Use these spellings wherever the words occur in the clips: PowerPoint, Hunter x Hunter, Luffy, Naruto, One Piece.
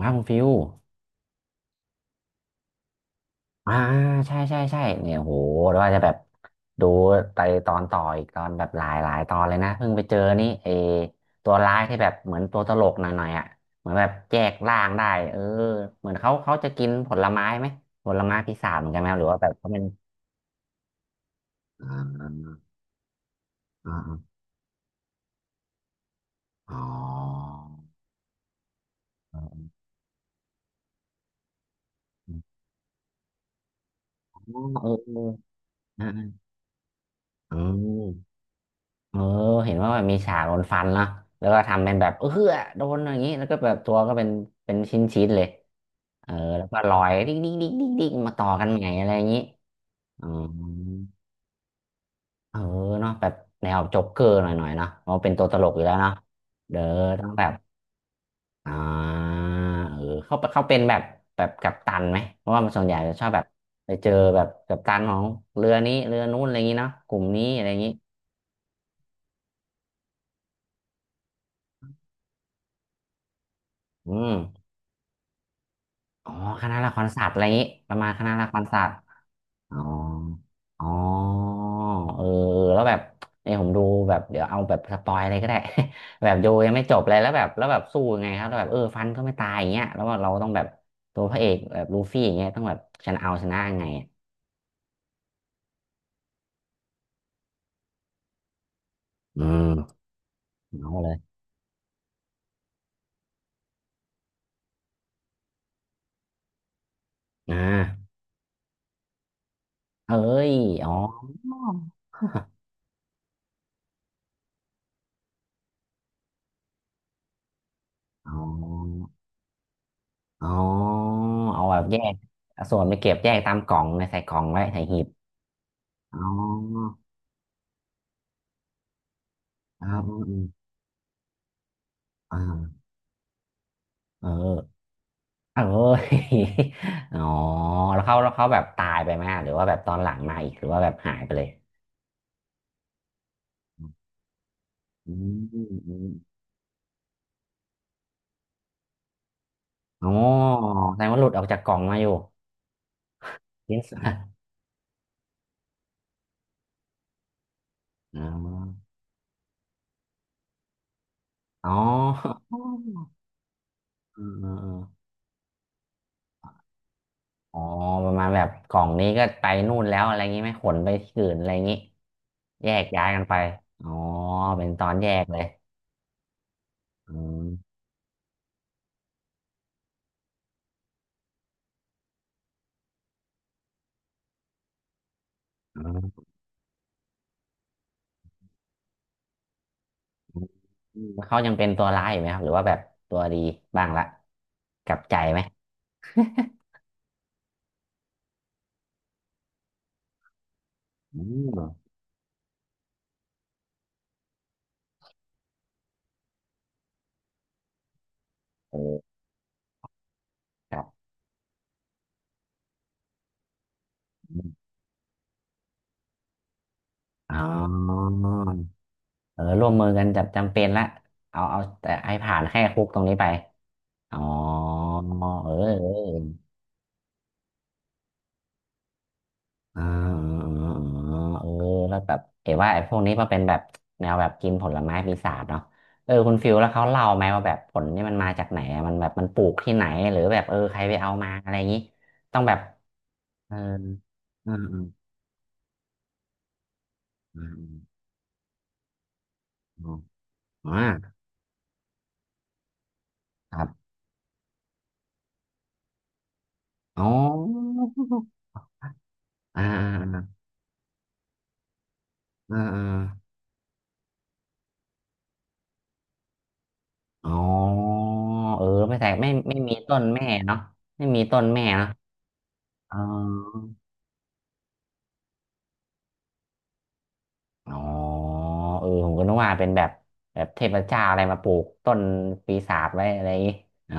มาคุณฟิวอ่าใช่ใช่ใช่เนี่ยโหแ้วว่าจะแบบดูไปตอนต่ออีกตอนแบบหลายตอนเลยนะเพิ่งไปเจอนี่เอตัวร้ายที่แบบเหมือนตัวตลกหน่อยหน่อยอ่ะเหมือนแบบแยกร่างได้เออเหมือนเขาจะกินผลไม้ไหมผลไม้ปีศาจเหมือนกันไหมหรือว่าแบบเขาเป็นอ่าอ่าอาอ๋ออ๋อเออเอออม เออเห็นว่าแบบมีฉากโดนฟันเนาะแล้วก็ทำเป็นแบบเออโดนอย่างนี้แล้วก็แบบตัวก็เป็นชิ้นชิ้นเลยเออแล้วก็ลอยดิ๊กดิ๊กดิ๊กดิ๊กดิ๊กมาต่อกันใหม่อะไรอย่างนี้อ๋อเออเนาะแบบแนวโจ๊กเกอร์หน่อยหน่อยเนาะเพราะเป็นตัวตลกอยู่แล้วเนาะเด้อต้องแบบอ่าเออเขาเป็นแบบแบบกัปตันไหมเพราะว่ามันส่วนใหญ่จะชอบแบบไปเจอแบบกัปตันของเรือนี้เรือนู้นอะไรอย่างนี้เนาะกลุ่มนี้อะไรอย่างนี้อืม อ๋อคณะละครศาสตร์อะไรอย่างนี้ประมาณคณะละครศาสตร์อ๋ออ๋อเออแล้วแบบเนี่ยผมดูแบบเดี๋ยวเอาแบบสปอยอะไรก็ได้ แบบดูยังไม่จบเลยแล้วแบบแล้วแบบสู้ยังไงครับแล้วแบบเออฟันก็ไม่ตายอย่างเงี้ยแล้วเราต้องแบบตัวพระเอกแบบลูฟี่อย่างเงี้ยต้องแบบชนะเอาชนะยังไงอะอืมเอาเลยอ่าเอ้ยอ๋อ อ๋ออ๋อเอาแบบแยกเอาส่วนไปเก็บแยกตามกล่องในใส่กล่องไว้ใส่หีบอ๋อครับ อ่าเออเออ อ๋อแล้วเขาแบบตายไปไหมหรือว่าแบบตอนหลังมาอีกหรือว่าแบบหายไปเลยอืมอืมอมอ๋อแสดงว่าหลุดออกจากกล่องมาอยู่ชิ้นส่วนอ๋ออ๋อเออเออเอออ๋อประมาณแบบกล่องนี้ก็ไปนู่นแล้วอะไรงี้ไหมขนไปที่อื่นอะไรงี้แยกย้ายกันไปอ๋อเป็นตอนแยกเลยอืม อืมแล้วเขายังเป็นตัวร้ายอยู่ไหมครับหรือว่าแบบตัวดีบ้างละกลับใจไหมอืมเออครับอ๋อเออร่วมมือกันจับจำเป็นละเอาแต่ให้ผ่านแค่คุกตรงนี้ไปอ๋อเออเอออ่าเออเออแล้วแบบเอ๋ว่าไอ้พวกนี้มันเป็นแบบแนวแบบกินผลไม้ปีศาจเนาะเออคุณฟิลแล้วเขาเล่าไหมว่าแบบผลนี่มันมาจากไหนอะมันแบบมันปลูกที่ไหนหรือแบบเออใครไปเอามาอะไรอย่างนี้ต้องแบบเออ อืมอืมอ๋อครับอ๋ออ่าอ่าอ่าอ่าอ๋อเออไม่แต่ไม่ไม่มีต้นแม่เนาะไม่มีต้นแม่เนาะอ๋ออ๋อเออผมก็นึกว่าเป็นแบบแบบเทพเจ้าอะไรมาปลูกต้นปีศาจไว้อะไรอย่างงี้อ๋อ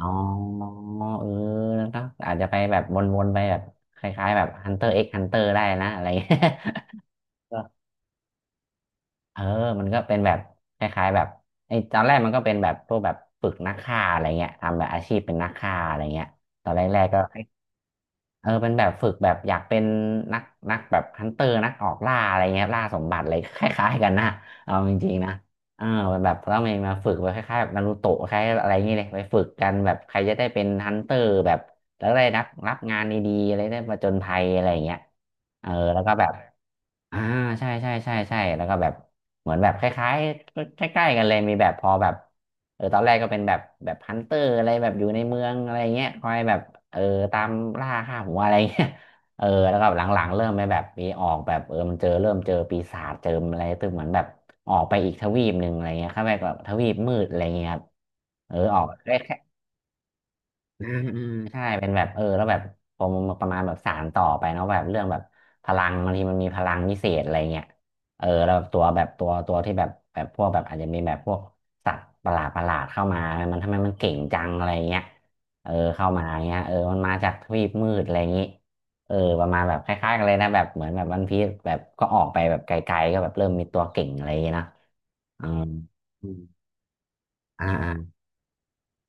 อ๋อเออแล้วก็อาจจะไปแบบวนๆไปแบบคล้ายๆแบบ Hunter x Hunter ได้นะอะไรอย่างเงี้ย เออมันก็เป็นแบบคล้ายๆแบบไอ้ตอนแรกมันก็เป็นแบบพวกแบบฝึกนักฆ่าอะไรเงี้ยทำแบบอาชีพเป็นนักฆ่าอะไรเงี้ยตอนแรกๆก็เออเป็นแบบฝึกแบบอยากเป็นนักนักแบบฮันเตอร์นักออกล่าอะไรเงี้ยล่าสมบัติอะไรคล้ายๆกันนะเอาจริงๆนะเออเป็นแบบต้องมีมาฝึกไปคล้ายๆแบบนารูโตะคล้ายอะไรอย่างเงี้ยเลยไปฝึกกันแบบใครจะได้เป็นฮันเตอร์แบบแล้วได้รับงานดีๆอะไรได้มาจนภัยอะไรอย่างเงี้ยเออแล้วก็แบบ อ่าใช่แล้วก็แบบเหมือนแบบคล้ายๆใกล้ๆกันเลยมีแบบพอแบบเออตอนแรกก็เป็นแบบแบบฮันเตอร์อะไรแบบอยู่ในเมืองอะไรเงี้ยคอยแบบเออตามล่าฆ่าหัวอะไรเงี้ย เออแล้วก็หลังๆเริ่มไปแบบมีออกแบบเออมันเจอเริ่มเจอปีศาจเจออะไรตึมเหมือนแบบออกไปอีกทวีปหนึ่งอะไรเงี้ยเข้าไปแบบทวีปมืดอะไรเงี้ยครับเออออก อืมอืมใช่เป็นแบบเออแล้วแบบผมประมาณแบบสานต่อไปเนาะแบบเรื่องแบบพลังบางทีมันมีพลังพิเศษอะไรเงี้ยเออแล้วแบบตัวที่แบบพวกแบบอาจจะมีแบบพวกสัตว์ประหลาดเข้ามามันทำไมมันเก่งจังอะไรเงี้ยเออเข้ามาเงี้ยเออมันมาจากทวีปมืดอะไรอย่างงี้เออประมาณแบบคล้ายๆกันเลยนะแบบเหมือนแบบวันพีซแบบก็ออกไปแบบไกลๆก็แบบเริ่มมีตัวเก่งอะไรอย่างงี้นะอืมอมอ่าอ่า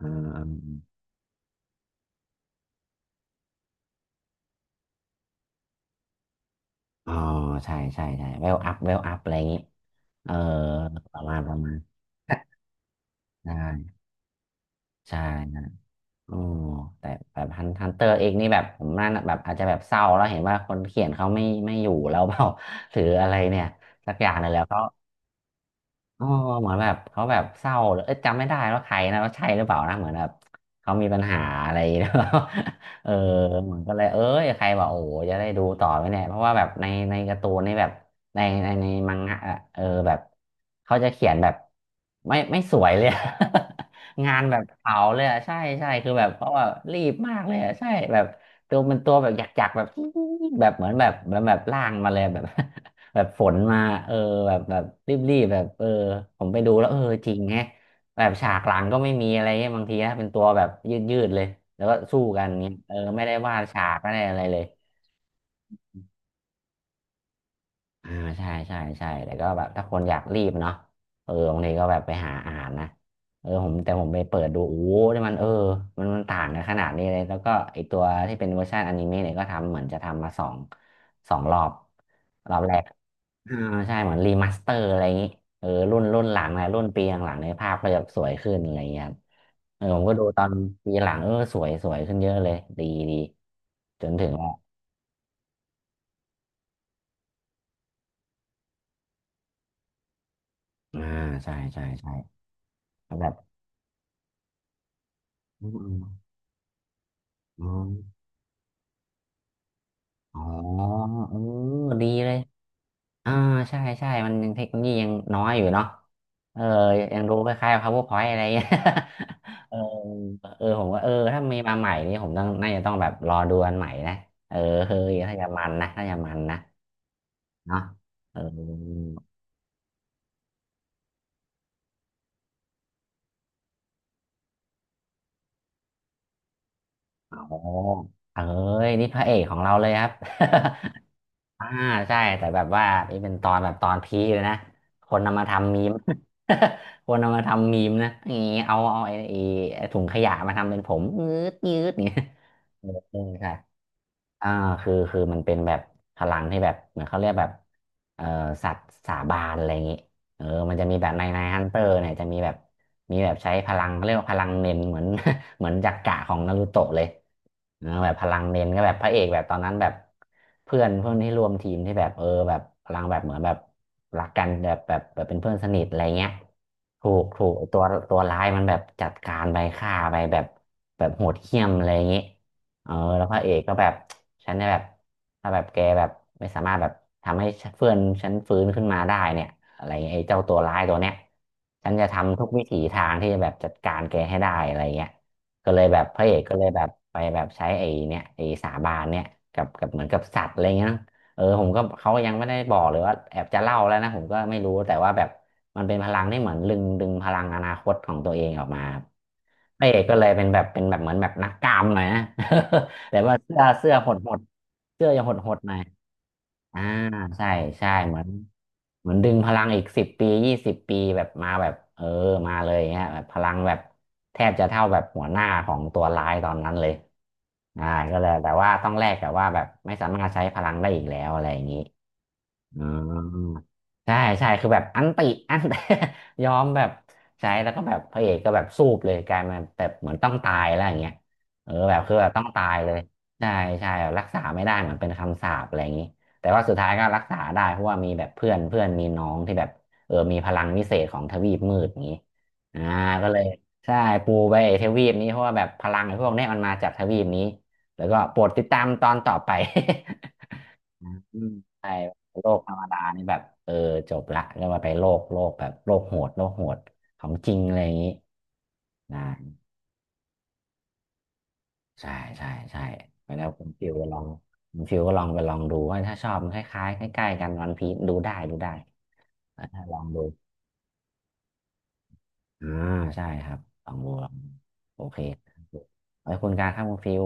อ่า อ๋อใช่ใช่ใช่เวลอัพเวลอัพอะไรอย่างนี้เออประมาณประมาณ ได้ใช่นะโอ้แต่แบบฮันเตอร์เองนี่แบบผมน่าแบบอาจจะแบบเศร้าแล้วเห็นว่าคนเขียนเขาไม่อยู่แล้ว เปล่า ถืออะไรเนี่ยสักอย่างเลยแล้วก็ อ๋อเหมือนแบบเขาแบบเศร้าหรือเอยจำไม่ได้ว่าใครนะว่าใช่หรือเปล่านะเหมือนแบบเขามีปัญหาอะไรแล้ว เออเหมือนก็เลยเอ้ยใครบอกโอ้โหจะได้ดูต่อไหมเนี่ยเพราะว่าแบบในการ์ตูนนี่แบบในมังงะอะเออแบบเขาจะเขียนแบบไม่สวยเลย งานแบบเผาเลยอะใช่ใช่คือแบบเพราะว่ารีบมากเลยอะใช่แบบตัวเป็นตัวแบบหยักๆแบบแบบเหมือนแบบแบบแบบล่างมาเลยแบบ แบบฝนมาเออแบบแบบรีบๆแบบเออผมไปดูแล้วเออจริงแฮะแบบฉากหลังก็ไม่มีอะไรเงี้ยบางทีนะเป็นตัวแบบยืดๆเลยแล้วก็สู้กันเงี้ยเออไม่ได้วาดฉากไม่ได้อะไรเลยอ่าใช่ใช่ใช่แต่ก็แบบถ้าคนอยากรีบเนาะเออบางทีก็แบบไปหาอ่านนะเออผมแต่ผมไปเปิดดูโอ้โหนี่มันเออมันมันต่างกันขนาดนี้เลยแล้วก็ไอตัวที่เป็นเวอร์ชันอนิเมะเนี่ยก็ทำเหมือนจะทำมาสองรอบรอบแรก อ่าใช่เหมือนรีมาสเตอร์อะไรอย่างนี้เออรุ่นหลังนะรุ่นปีหลังๆในยภาพก็จะสวยขึ้นอะไรอย่างเงี้ยครับเออผมก็ดูตอนปีหลังเออสวยสวยขึ้นเยอะเลยดีดีจนถึงว่าอ่าใช่ใช่ใช่แล้วบบอืมอืม อ๋อเออดีเลยอ่าใช่ใช่มันยังเทคโนโลยียังน้อยอยู่เนาะเออยังดูคล้ายๆ PowerPoint อะไรเงี้ย เออเออผมว่าเออถ้ามีมาใหม่นี่ผมต้องน่าจะต้องแบบรอดูอันใหม่นะเออเฮ้ยถ้าจะมันนะถ้าจะมันนะเนาะเอออ๋อเอ้ยนี่พระเอกของเราเลยครับ อ่าใช่แต่แบบว่านี่เป็นตอนแบบตอนพีคเลยนะคนนำมาทำมีม คนนำมาทำมีมนะนี่เอาเอาไอ้ไอ้ถุงขยะมาทำเป็นผมงืดงืดเนี่ยเออใช่ อ่าคือคือมันเป็นแบบพลังที่แบบเหมือนเขาเรียกแบบเอ่อสัตว์สาบานอะไรอย่างงี้เออมันจะมีแบบในฮันเตอร์เนี่ยจะมีแบบมีแบบใช้พลังเขาเรียกว่าพลังเน้นเหมือน เหมือนจักกะของนารูโตะเลยนะแบบพลังเน้นก็แบบพระเอกแบบตอนนั้นแบบเพื่อนเพื่อนที่ร่วมทีมที่แบบเออแบบพลังแบบเหมือนแบบรักกันแบบแบบแบบเป็นเพื่อนสนิทอะไรเงี้ยถูกไอ้ตัวตัวร้ายมันแบบจัดการไปฆ่าไปแบบแบบโหดเหี้ยมอะไรอย่างงี้ เออแล้วพระเอกก็แบบฉันเนี่ยแบบถ้าแบบแกแบบไม่สามารถแบบทำให้เพื่อนฉันฟื้นขึ้นมาได้เนี่ยอะไรเงี้ยไอ้เจ้าตัวร้ายตัวเนี้ยฉันจะทำทุกวิถีทางที่จะแบบจัดการแกให้ได้อะไรเงี้ยก็เลยแบบพระเอกก็เลยแบบไปแบบใช้ไอ้เนี่ยไอ้สาบานเนี่ยกับกับเหมือนกับสัตว์อะไรเงี้ยนะเออผมก็เขายังไม่ได้บอกเลยว่าแอบจะเล่าแล้วนะผมก็ไม่รู้แต่ว่าแบบ มันเป็นพลังที่เหมือนดึงพลังอนาคตของตัวเองออกมาครับพระเอกก็เลยเป็นแบบเป็นแบบเหมือนแบบนักกามหน่อยนะ แต่ว่าเสื้อหดหดเสื้อจะหดหดหน่อยอ่าใช่ใช่เหมือนเหมือนดึงพลังอีกสิบปี20 ปีแบบมาแบบเออมาเลยเงี้ยแบบพลังแบบแทบจะเท่าแบบหัวหน้าของตัวร้ายตอนนั้นเลยอ่าก็เลยแต่ว่าต้องแลกกับว่าแบบไม่สามารถใช้พลังได้อีกแล้วอะไรอย่างนี้ อ๋อใช่ใช่คือแบบอันติอัน ยอมแบบใช้แล้วก็แบบพระเอกก็แบบสูบเลยกลายมาแบบเหมือนต้องตายแล้วอย่างเงี้ยเออแบบคือแบบต้องตายเลยใช่ใช่แบบรักษาไม่ได้เหมือนเป็นคำสาปอะไรอย่างนี้แต่ว่าสุดท้ายก็รักษาได้เพราะว่ามีแบบเพื่อนเพื่อนมีน้องที่แบบเออมีพลังวิเศษของทวีปมืดอย่างนี้อ่าก็เลยใช่ปูไปไอ้ทวีปนี้เพราะว่าแบบพลังไอ้พวกเนี้ยมันมาจากทวีปนี้แล้วก็โปรดติดตามตอนต่อไป อืมใช่โลกธรรมดานี่แบบเออจบละก็มาไปโลกโลกแบบโลกโหดโลกโหดของจริงอะไรอย่างนี้นะใช่ใช่ใช่ไปแล้วคุณฟิวก็ลองไปลองดูว่าถ้าชอบมันคล้ายๆใกล้ๆกันวันพีซดูได้ดูได้อ่ะถ้าลองดูอ่าใช่ครับลองดูลองดูโอเคไว้คุณการครับคุณฟิว